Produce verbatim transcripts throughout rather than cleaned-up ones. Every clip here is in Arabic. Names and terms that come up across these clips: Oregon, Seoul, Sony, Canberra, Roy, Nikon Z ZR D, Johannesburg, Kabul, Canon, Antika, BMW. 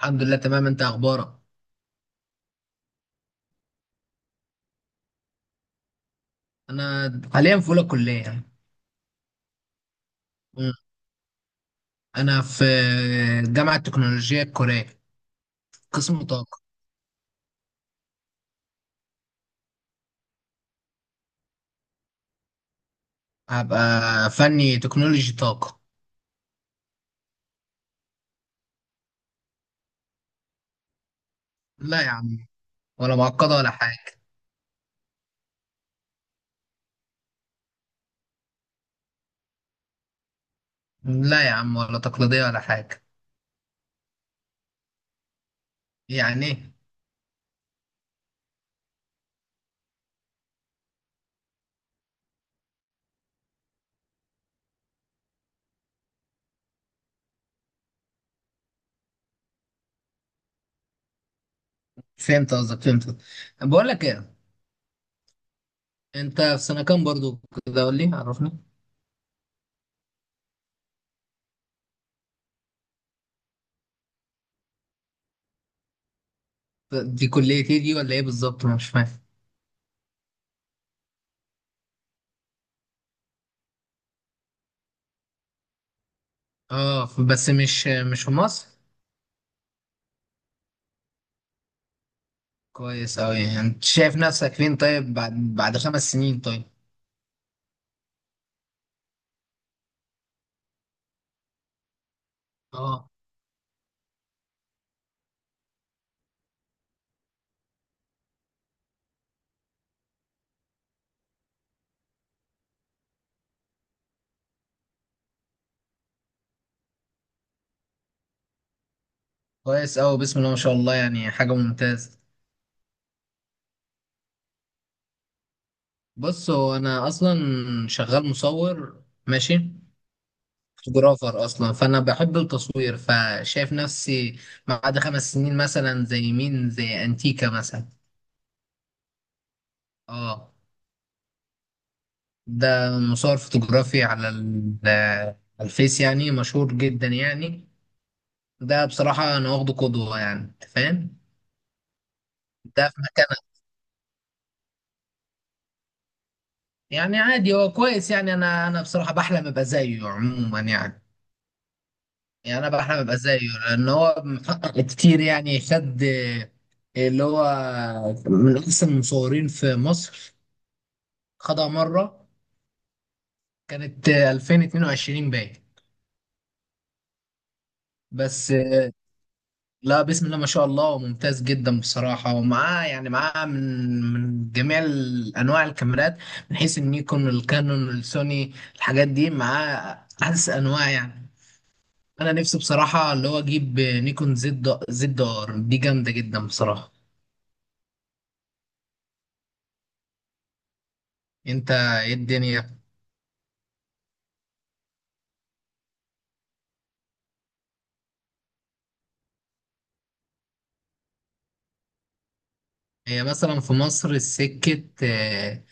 الحمد لله تمام، انت اخبارك؟ انا حاليا في اولى كليه يعني. مم. انا في جامعه التكنولوجيا الكوريه، قسم طاقه. هبقى فني تكنولوجي طاقه. لا يا عم، ولا معقده ولا حاجه. لا يا عم، ولا تقليديه ولا حاجه. يعني ايه؟ فهمت قصدك، فهمت قصدك. بقول لك ايه، انت في سنه كام برضو؟ كده قول لي عرفني. دي كليه ايه دي ولا ايه بالظبط؟ انا مش فاهم. اه، ف- بس مش، مش في مصر؟ كويس اوي. يعني انت شايف نفسك فين طيب بعد بعد خمس سنين طيب؟ اه، كويس أوي، بسم الله ما شاء الله، يعني حاجة ممتازة. بص، هو أنا أصلا شغال مصور، ماشي، فوتوغرافر أصلا، فأنا بحب التصوير، فشايف نفسي بعد خمس سنين مثلا زي مين، زي أنتيكا مثلا. اه، ده مصور فوتوغرافي على ال- على الفيس، يعني مشهور جدا يعني. ده بصراحة أنا واخده قدوة، يعني أنت فاهم. ده في مكانه يعني عادي، هو كويس يعني. أنا أنا بصراحة بحلم أبقى زيه عموما يعني. يعني انا بقى احنا ببقى زيه، لان هو محقق كتير يعني. خد آه، اللي هو من احسن المصورين في مصر، خدها مره، كانت آه، الفين واتنين وعشرين باين. بس آه، لا بسم الله ما شاء الله، وممتاز جدا بصراحه. ومعاه يعني، معاه من من جميع ال- انواع الكاميرات، من حيث النيكون الكانون السوني، الحاجات دي معاه احدث انواع يعني. انا نفسي بصراحه اللي هو اجيب آه، نيكون زد زد ار دي، جامده جدا بصراحه. انت ايه الدنيا؟ هي مثلا في مصر السكة آه،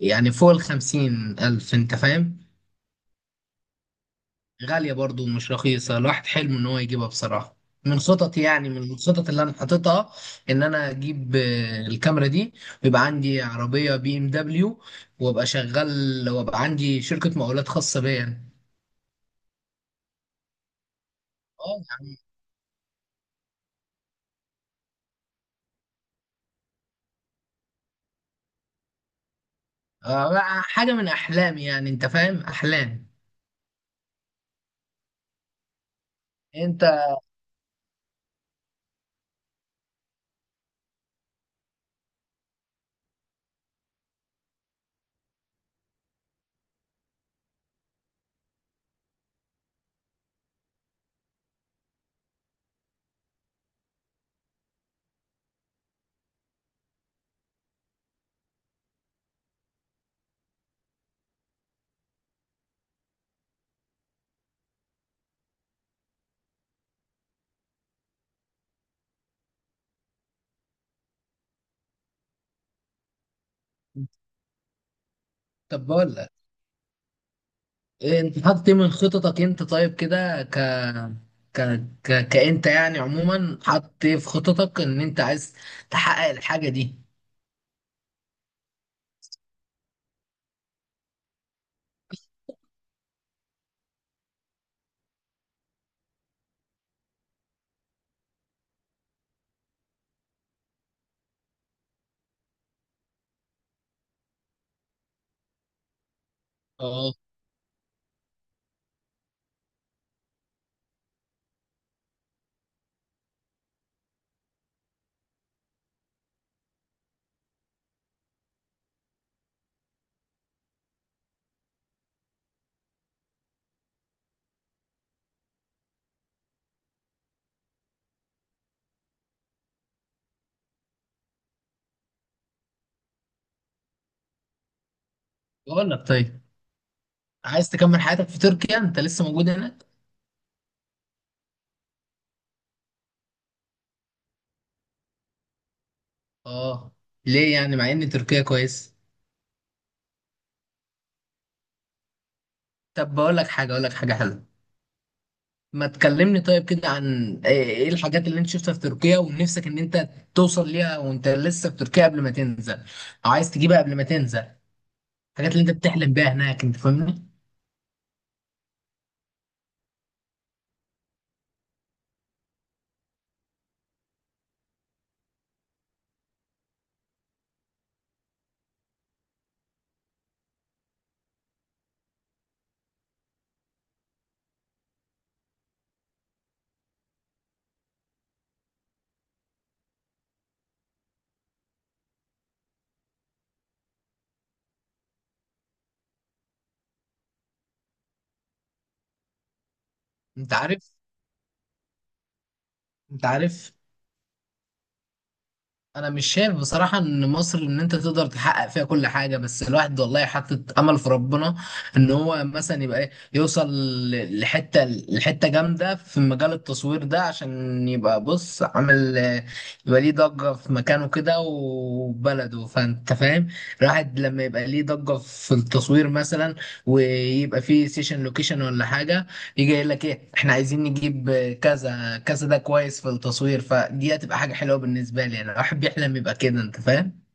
يعني فوق الخمسين ألف، انت فاهم. غالية برضو ومش رخيصة، الواحد حلمه ان هو يجيبها بصراحة. من خططي يعني، من الخطط اللي انا حاططها، ان انا اجيب آه، الكاميرا دي، ويبقى عندي عربية بي ام دبليو، وابقى شغال، وابقى عندي شركة مقاولات خاصة بيا يعني. اه يعني، آه، حاجة من احلامي يعني، انت فاهم، احلام. انت طب بقول، إيه، انت حاطط ايه من خططك انت طيب كده، ك... ك... ك... كأنت يعني عموما حاطط ايه في خططك ان انت عايز تحقق الحاجة دي؟ اه، بقول لك طيب، عايز تكمل حياتك في تركيا؟ انت لسه موجود هناك؟ اه، ليه يعني مع ان تركيا كويس؟ طب بقول لك حاجة، اقول لك حاجة حلوة، ما تكلمني طيب كده عن ايه، ايه الحاجات اللي انت شفتها في تركيا ونفسك ان انت توصل ليها وانت لسه في تركيا قبل ما تنزل، او عايز تجيبها قبل ما تنزل؟ الحاجات اللي انت بتحلم بيها هناك، انت فاهمني. انت عارف، انت عارف انا مش شايف بصراحة ان مصر ان انت تقدر تحقق فيها كل حاجة، بس الواحد والله حاطط امل في ربنا ان هو مثلا يبقى ايه، يوصل ل- لحتة لحتة جامدة في مجال التصوير ده، عشان يبقى بص عامل اه، يبقى ليه ضجة في مكانه كده وبلده، فانت فاهم. الواحد لما يبقى ليه ضجة في التصوير مثلا، ويبقى فيه سيشن لوكيشن ولا حاجة، يجي يقول لك ايه، احنا عايزين نجيب كذا كذا ده كويس في التصوير، فدي هتبقى حاجه حلوه بالنسبه لي انا. الواحد بيحلم يبقى كده، انت فاهم.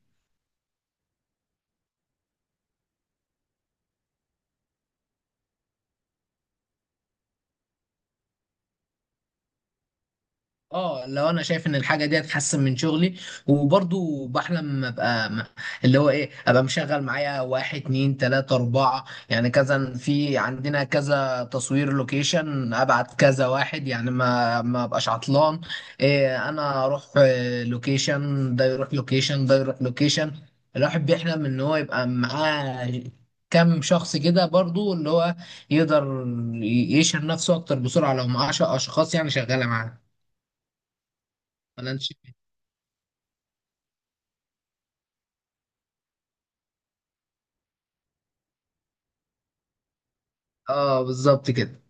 اه، لو انا شايف ان الحاجه دي هتحسن من شغلي، وبرضو بحلم ابقى م- اللي هو ايه، ابقى مشغل معايا واحد اتنين تلاته اربعه، يعني كذا في عندنا كذا تصوير لوكيشن، ابعت كذا واحد يعني، ما ما ابقاش عطلان. إيه، انا اروح آه، لوكيشن، ده يروح لوكيشن، ده يروح لوكيشن. الواحد بيحلم ان هو يبقى معاه كم شخص كده برضو، اللي هو يقدر ي- يشهر نفسه اكتر بسرعه لو معاه ش- اشخاص يعني شغاله معاه، ولا نشيل. اه بالظبط كده.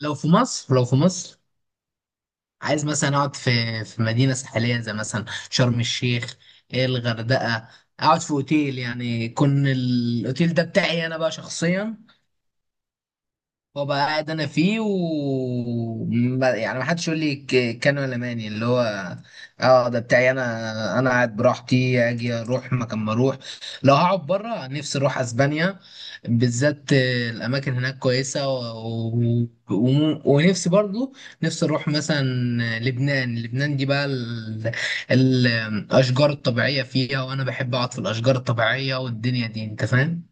لو في مصر، لو في مصر، عايز مثلا اقعد في في مدينه ساحليه، زي مثلا شرم الشيخ، إيه الغردقه، اقعد في اوتيل، يعني يكون الاوتيل ده بتاعي انا بقى شخصيا، وابقى قاعد انا فيه و ب- يعني ما حدش يقول لي ك- كان ولا ماني اللي هو. اه، ده بتاعي انا، انا قاعد براحتي، اجي اروح مكان، ما اروح. لو هقعد بره، نفسي اروح اسبانيا بالذات. آه، الاماكن هناك كويسه و... و... و... ونفسي برضو، نفسي اروح مثلا لبنان. لبنان دي بقى ال... ال- الاشجار الطبيعيه فيها، وانا بحب اقعد في الاشجار الطبيعيه والدنيا دي، انت فاهم.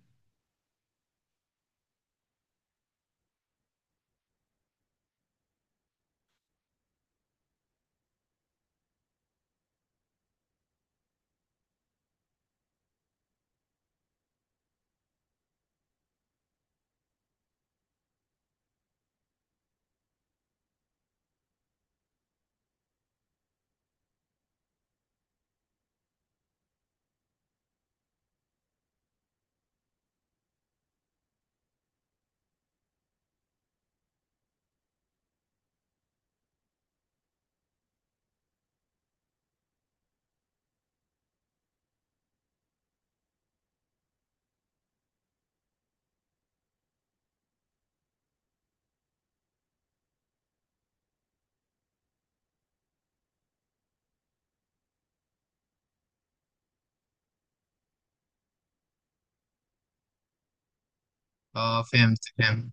اه فهمت فهمت.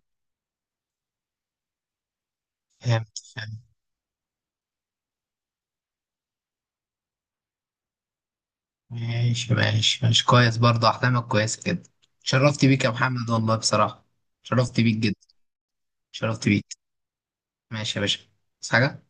فهمت فهمت. ماشي ماشي ماشي، كويس برضه، أحلامك كويسة كده. شرفت بيك يا محمد والله بصراحة. شرفت بيك جدا. شرفت بيك. ماشي يا باشا، بس حاجة.